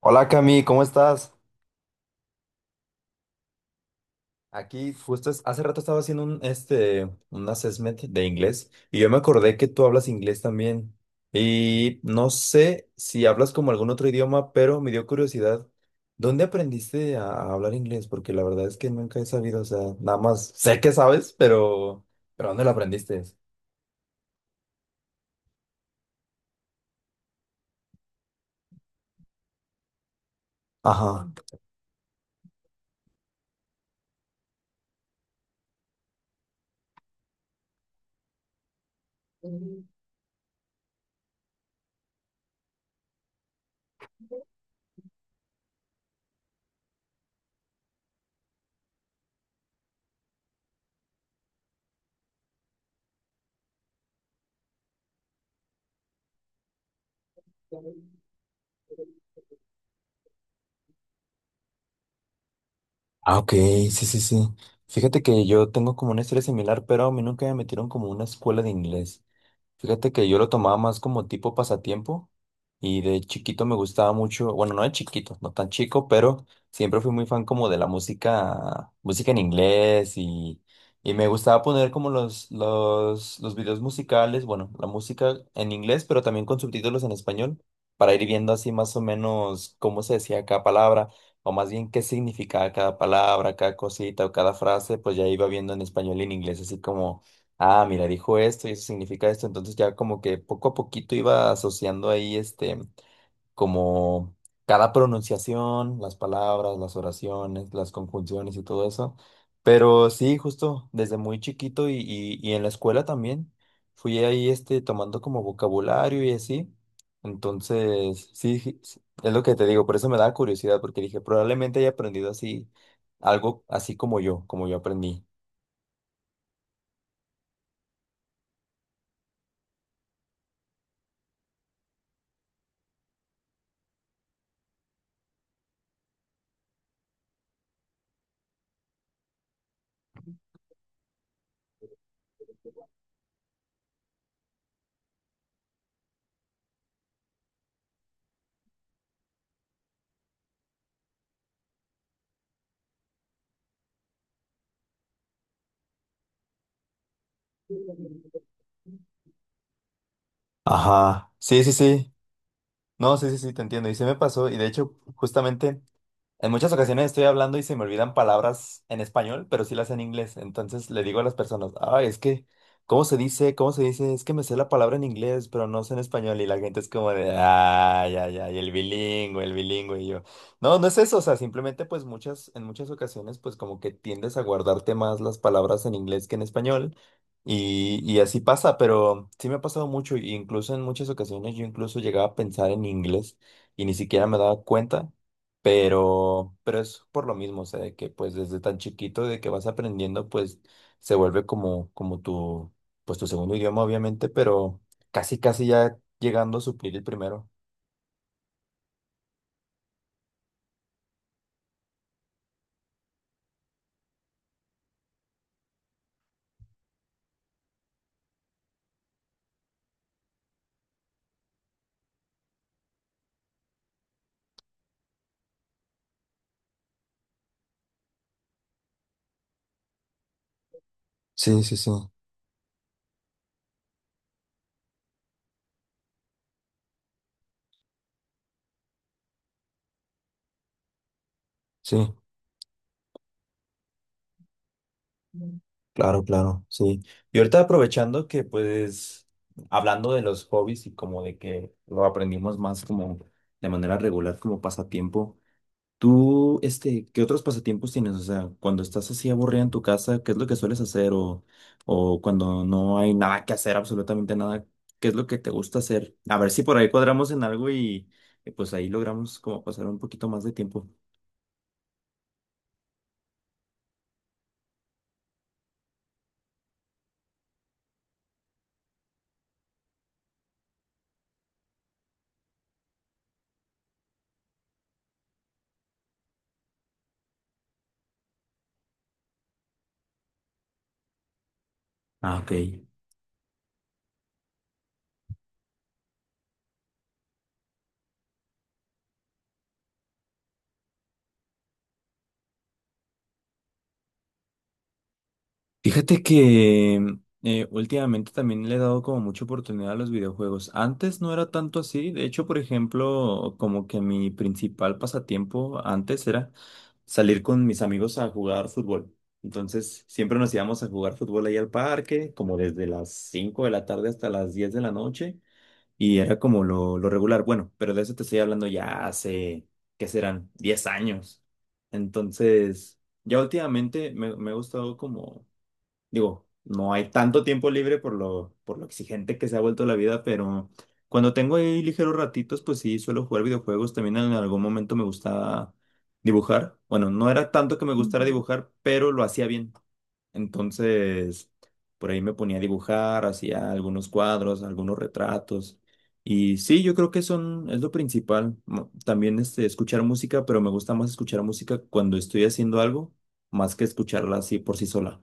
Hola Cami, ¿cómo estás? Aquí hace rato estaba haciendo un assessment de inglés y yo me acordé que tú hablas inglés también. Y no sé si hablas como algún otro idioma, pero me dio curiosidad. ¿Dónde aprendiste a hablar inglés? Porque la verdad es que nunca he sabido, o sea, nada más sé que sabes, pero ¿dónde lo aprendiste? Ajá. Ah, ok, sí, sí, sí. Fíjate que yo tengo como una historia similar, pero a mí nunca me metieron como a una escuela de inglés. Fíjate que yo lo tomaba más como tipo pasatiempo y de chiquito me gustaba mucho, bueno, no de chiquito, no tan chico, pero siempre fui muy fan como de la música, música en inglés y me gustaba poner como los videos musicales, bueno, la música en inglés, pero también con subtítulos en español para ir viendo así más o menos cómo se decía cada palabra o más bien qué significaba cada palabra, cada cosita o cada frase, pues ya iba viendo en español y en inglés así como ah, mira, dijo esto y eso significa esto, entonces ya como que poco a poquito iba asociando ahí como cada pronunciación, las palabras, las oraciones, las conjunciones y todo eso, pero sí, justo desde muy chiquito y en la escuela también fui ahí tomando como vocabulario y así, entonces sí, sí, sí, es lo que te digo, por eso me da curiosidad, porque dije, probablemente haya aprendido así, algo así como yo aprendí. Ajá, sí, sí, sí. No, sí, sí, sí, te entiendo. Y se me pasó, y de hecho, justamente... En muchas ocasiones estoy hablando y se me olvidan palabras en español, pero sí las sé en inglés. Entonces le digo a las personas, ay, es que, ¿cómo se dice? ¿Cómo se dice? Es que me sé la palabra en inglés, pero no sé en español. Y la gente es como de, ay, ay, ay, el bilingüe, el bilingüe. Y yo, no, no es eso. O sea, simplemente pues muchas, en muchas ocasiones pues como que tiendes a guardarte más las palabras en inglés que en español. Y así pasa, pero sí me ha pasado mucho. Y Incluso en muchas ocasiones yo incluso llegaba a pensar en inglés y ni siquiera me daba cuenta. Pero es por lo mismo, o sea, de que pues desde tan chiquito de que vas aprendiendo, pues se vuelve como pues tu segundo idioma, obviamente, pero casi, casi ya llegando a suplir el primero. Sí, sí, sí, sí, Mm. claro, claro, sí. Y ahorita aprovechando que pues hablando de los hobbies y como de que lo aprendimos más como de manera regular, como pasatiempo. ¿Tú, qué otros pasatiempos tienes? O sea, cuando estás así aburrida en tu casa, ¿qué es lo que sueles hacer? O cuando no hay nada que hacer, absolutamente nada, ¿qué es lo que te gusta hacer? A ver si por ahí cuadramos en algo y pues ahí logramos como pasar un poquito más de tiempo. Ah, ok. Fíjate que últimamente también le he dado como mucha oportunidad a los videojuegos. Antes no era tanto así. De hecho, por ejemplo, como que mi principal pasatiempo antes era salir con mis amigos a jugar fútbol. Entonces, siempre nos íbamos a jugar fútbol ahí al parque, como desde las 5 de la tarde hasta las 10 de la noche. Y era como lo regular. Bueno, pero de eso te estoy hablando ya hace, ¿qué serán? 10 años. Entonces, ya últimamente me ha gustado como Digo, no hay tanto tiempo libre por por lo exigente que se ha vuelto la vida, pero cuando tengo ahí ligeros ratitos, pues sí, suelo jugar videojuegos. También en algún momento me gustaba dibujar. Bueno, no era tanto que me gustara Ujú. Dibujar, pero lo hacía bien. Entonces, por ahí me ponía a dibujar, hacía algunos cuadros, algunos retratos. Y sí, yo creo que son, es lo principal. También escuchar música, pero me gusta más escuchar música cuando estoy haciendo algo, más que escucharla así por sí sola.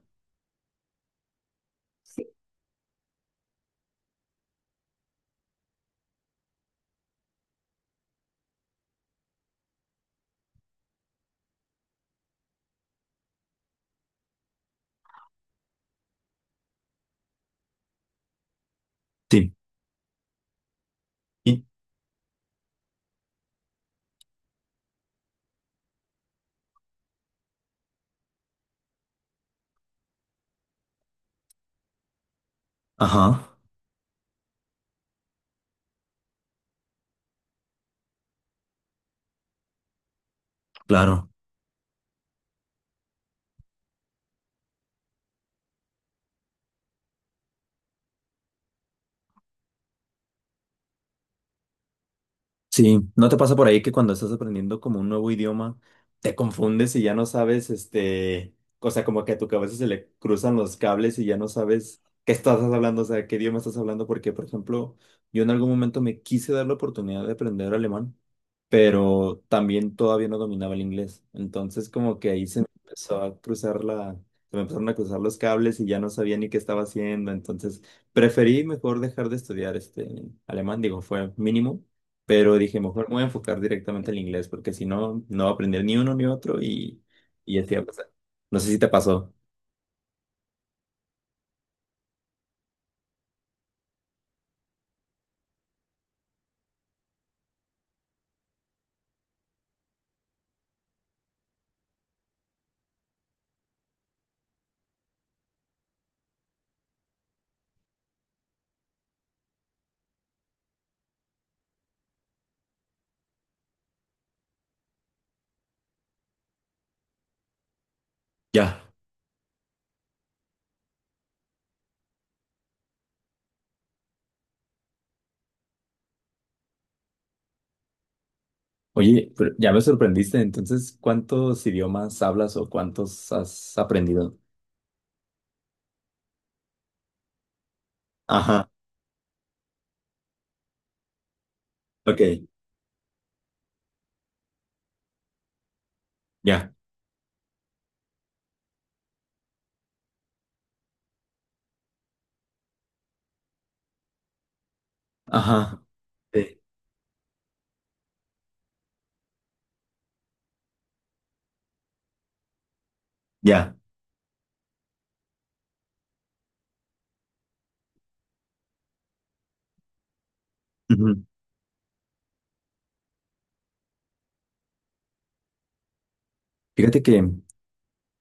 Sí. ¿Y Ajá, claro. Sí, ¿no te pasa por ahí que cuando estás aprendiendo como un nuevo idioma, te confundes y ya no sabes, o sea, como que a tu cabeza se le cruzan los cables y ya no sabes qué estás hablando, o sea, qué idioma estás hablando? Porque, por ejemplo, yo en algún momento me quise dar la oportunidad de aprender alemán, pero también todavía no dominaba el inglés. Entonces, como que ahí se me empezó a cruzar la, se me empezaron a cruzar los cables y ya no sabía ni qué estaba haciendo. Entonces, preferí mejor dejar de estudiar alemán, digo, fue mínimo pero dije, mejor me voy a enfocar directamente al inglés, porque si no, no voy a aprender ni uno ni otro y ya te a pasar. No sé si te pasó. Ya. Oye, pero ya me sorprendiste. Entonces, ¿cuántos idiomas hablas o cuántos has aprendido? Ajá, ok, ya. Ajá, sí, ya. Ujú. Fíjate que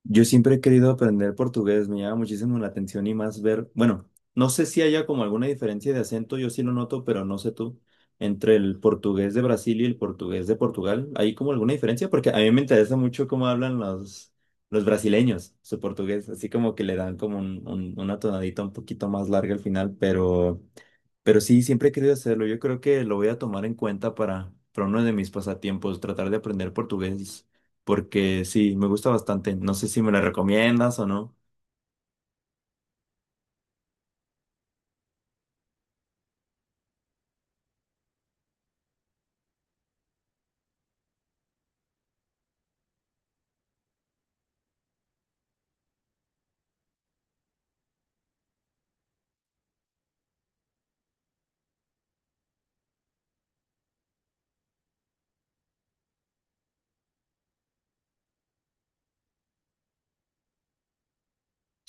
Yo siempre he querido aprender portugués, me llama muchísimo la atención y más ver, bueno, no sé si haya como alguna diferencia de acento, yo sí lo noto, pero no sé tú, entre el portugués de Brasil y el portugués de Portugal, ¿hay como alguna diferencia? Porque a mí me interesa mucho cómo hablan los brasileños su portugués, así como que le dan como un, una tonadita un poquito más larga al final, pero... Pero sí, siempre he querido hacerlo. Yo creo que lo voy a tomar en cuenta para uno de mis pasatiempos, tratar de aprender portugués, porque sí, me gusta bastante. No sé si me lo recomiendas o no.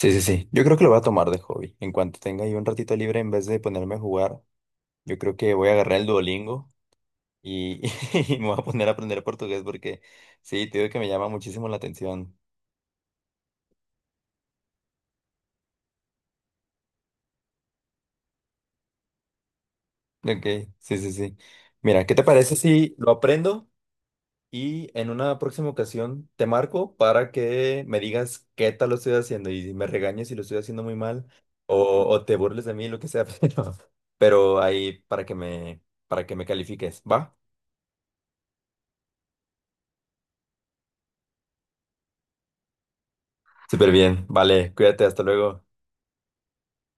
Sí, sí, sí. Yo creo que lo voy a tomar de hobby. En cuanto tenga yo un ratito libre, en vez de ponerme a jugar, yo creo que voy a agarrar el Duolingo y, y me voy a poner a aprender portugués porque sí, te digo que me llama muchísimo la atención. Ok, sí, sí, sí. Mira, ¿qué te parece si lo aprendo? Y en una próxima ocasión te marco para que me digas qué tal lo estoy haciendo y me regañes si lo estoy haciendo muy mal o, o te burles de mí, lo que sea, pero ahí para que me califiques. ¿Va? Súper bien. Vale, cuídate, hasta luego.